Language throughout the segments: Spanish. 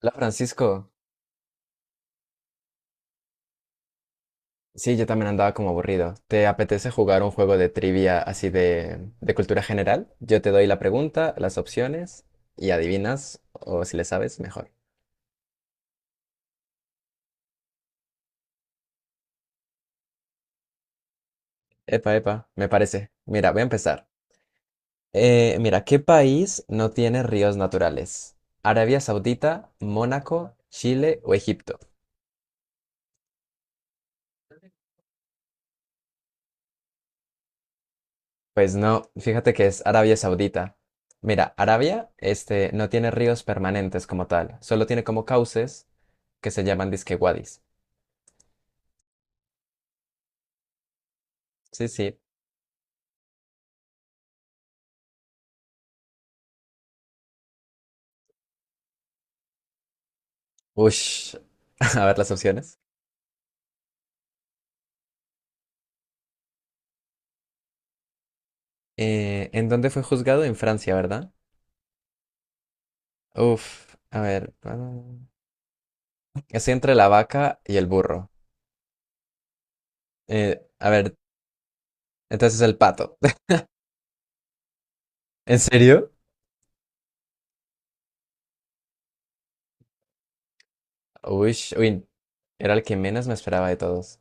Hola Francisco, sí, yo también andaba como aburrido. ¿Te apetece jugar un juego de trivia así de cultura general? Yo te doy la pregunta, las opciones y adivinas, o si le sabes, mejor. Epa, epa, me parece. Mira, voy a empezar. Mira, ¿qué país no tiene ríos naturales? ¿Arabia Saudita, Mónaco, Chile o Egipto? Pues no, fíjate que es Arabia Saudita. Mira, Arabia, este, no tiene ríos permanentes como tal, solo tiene como cauces que se llaman disque wadis. Sí, sí. Ush, a ver las opciones. ¿En dónde fue juzgado? En Francia, ¿verdad? Uf, a ver. Es entre la vaca y el burro. A ver, entonces el pato. ¿En serio? Ush, uy, era el que menos me esperaba de todos.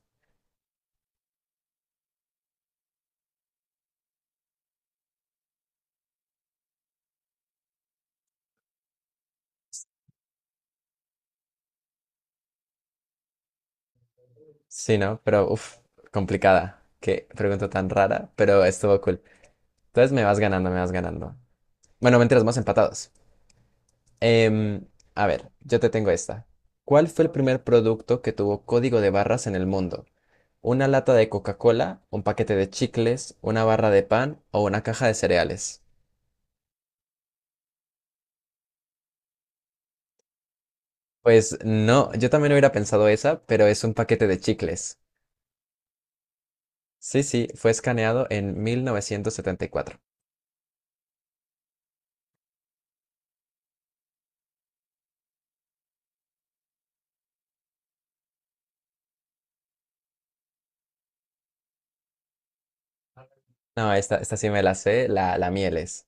Sí, ¿no? Pero, uf, complicada. Qué pregunta tan rara, pero estuvo cool. Entonces me vas ganando, me vas ganando. Bueno, mentiras, más empatados. Em, a ver, yo te tengo esta. ¿Cuál fue el primer producto que tuvo código de barras en el mundo? ¿Una lata de Coca-Cola, un paquete de chicles, una barra de pan o una caja de cereales? Pues no, yo también hubiera pensado esa, pero es un paquete de chicles. Sí, sí, fue escaneado en 1974. No, esta sí me la sé, la mieles.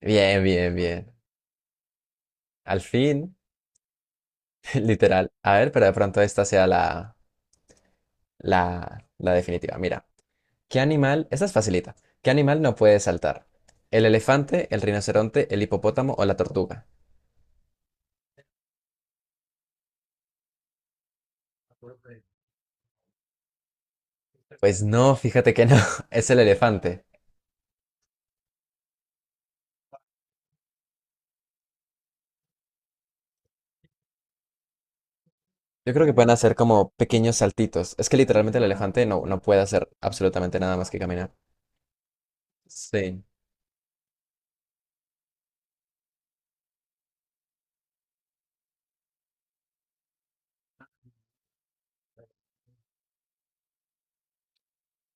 Bien, bien, bien. Al fin, literal. A ver, pero de pronto esta sea la, la definitiva. Mira, ¿qué animal? Esta es facilita. ¿Qué animal no puede saltar? ¿El elefante, el rinoceronte, el hipopótamo o la tortuga? Pues no, fíjate que no, es el elefante. Yo creo que pueden hacer como pequeños saltitos. Es que literalmente el elefante no puede hacer absolutamente nada más que caminar. Sí.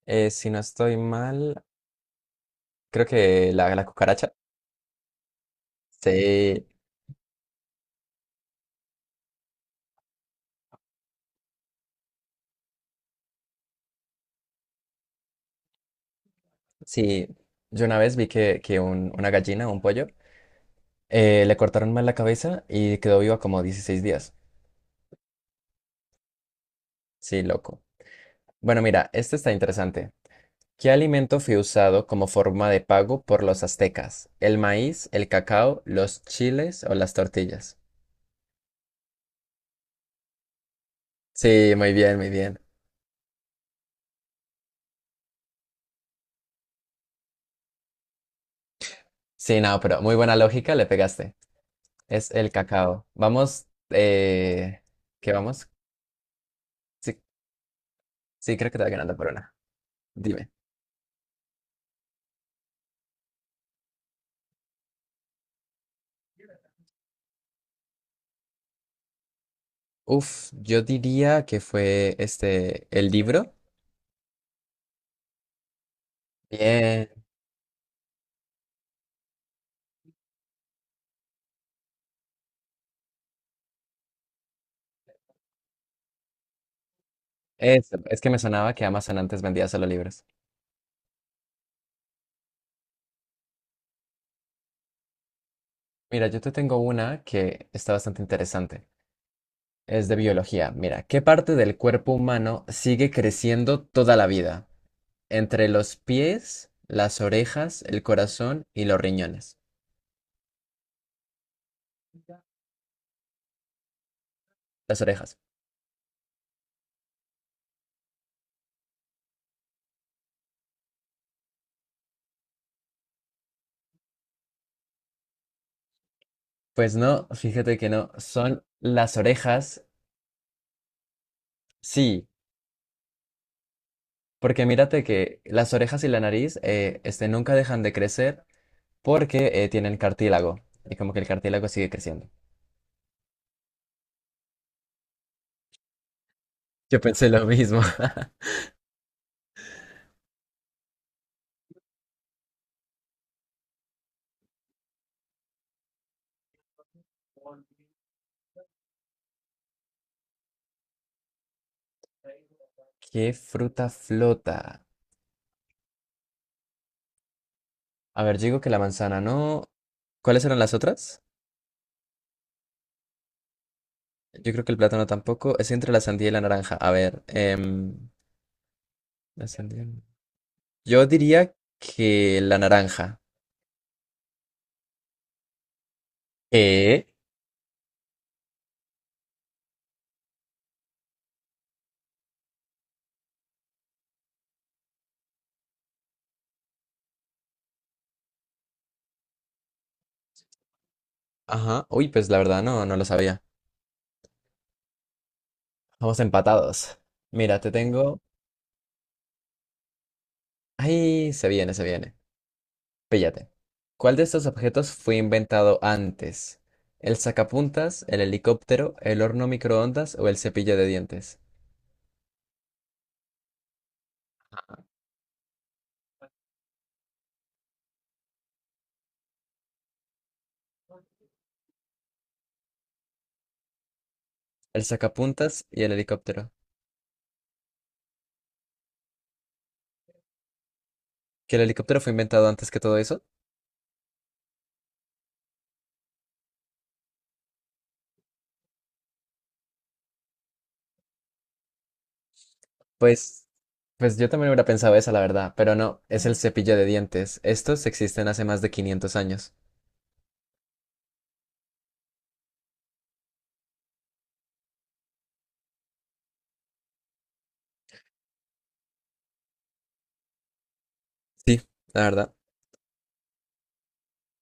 Si no estoy mal, creo que la cucaracha. Sí, sí. Yo una vez vi que un- una gallina, un pollo, le cortaron mal la cabeza y quedó viva como 16 días. Sí, loco. Bueno, mira, este está interesante. ¿Qué alimento fue usado como forma de pago por los aztecas? ¿El maíz, el cacao, los chiles o las tortillas? Sí, muy bien, muy bien. Sí, no, pero muy buena lógica, le pegaste. Es el cacao. Vamos, ¿qué vamos? Sí, sí, creo que te va ganando por una. Dime. Uf, yo diría que fue este, el libro. Bien, eso. Es que me sonaba que Amazon antes vendía solo libros. Mira, yo te tengo una que está bastante interesante. Es de biología. Mira, ¿qué parte del cuerpo humano sigue creciendo toda la vida? Entre los pies, las orejas, el corazón y los riñones. Las orejas. Pues no, fíjate que no, son las orejas. Sí, porque mírate que las orejas y la nariz este, nunca dejan de crecer porque tienen cartílago. Y como que el cartílago sigue creciendo. Yo pensé lo mismo. ¿Qué fruta flota? A ver, yo digo que la manzana no. ¿Cuáles eran las otras? Yo creo que el plátano tampoco. Es entre la sandía y la naranja. A ver, la sandía. No. Yo diría que la naranja. ¿Qué? Ajá. Uy, pues la verdad no, no lo sabía. Vamos empatados. Mira, te tengo. Ay, se viene, se viene. Píllate. ¿Cuál de estos objetos fue inventado antes? ¿El sacapuntas, el helicóptero, el horno microondas o el cepillo de dientes? El sacapuntas y el helicóptero. Que el helicóptero fue inventado antes que todo eso, pues, pues yo también hubiera pensado esa, la verdad, pero no, es el cepillo de dientes. Estos existen hace más de 500 años. Sí, la verdad.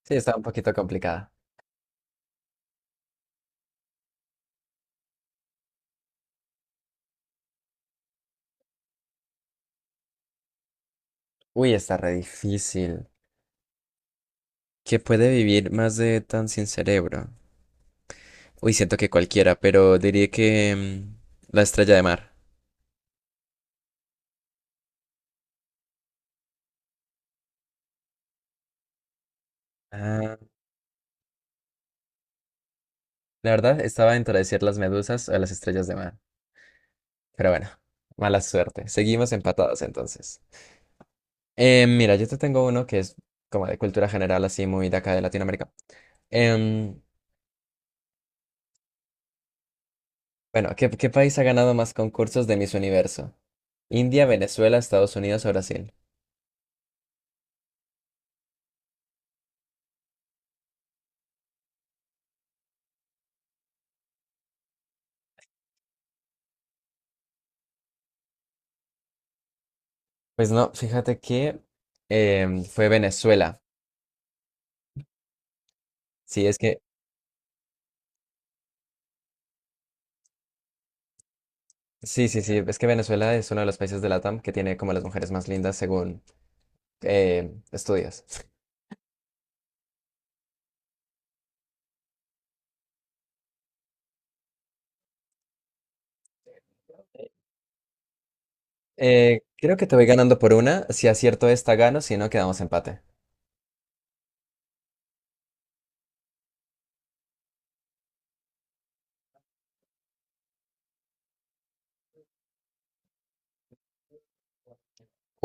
Sí, está un poquito complicada. Uy, está re difícil. ¿Qué puede vivir más de tan sin cerebro? Uy, siento que cualquiera, pero diría que mm, la estrella de mar. Ah, la verdad, estaba entre decir las medusas o las estrellas de mar. Pero bueno, mala suerte. Seguimos empatados entonces. Mira, yo te tengo uno que es como de cultura general, así muy de acá de Latinoamérica. Em, bueno, ¿qué país ha ganado más concursos de Miss Universo? ¿India, Venezuela, Estados Unidos o Brasil? Pues no, fíjate que fue Venezuela. Sí, es que, sí, sí, sí, es que Venezuela es uno de los países de LATAM que tiene como las mujeres más lindas según estudios. Creo que te voy ganando por una. Si acierto esta, gano, si no, quedamos empate.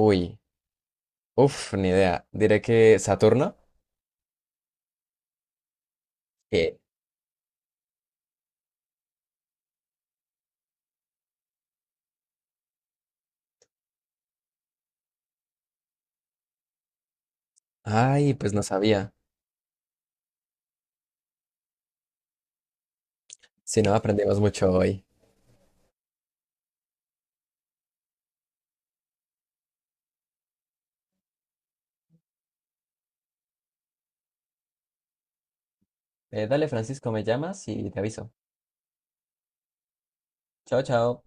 Uy, uff, ni idea. Diré que Saturno. Ay, pues no sabía. Si no, aprendimos mucho hoy. Dale, Francisco, me llamas y te aviso. Chao, chao.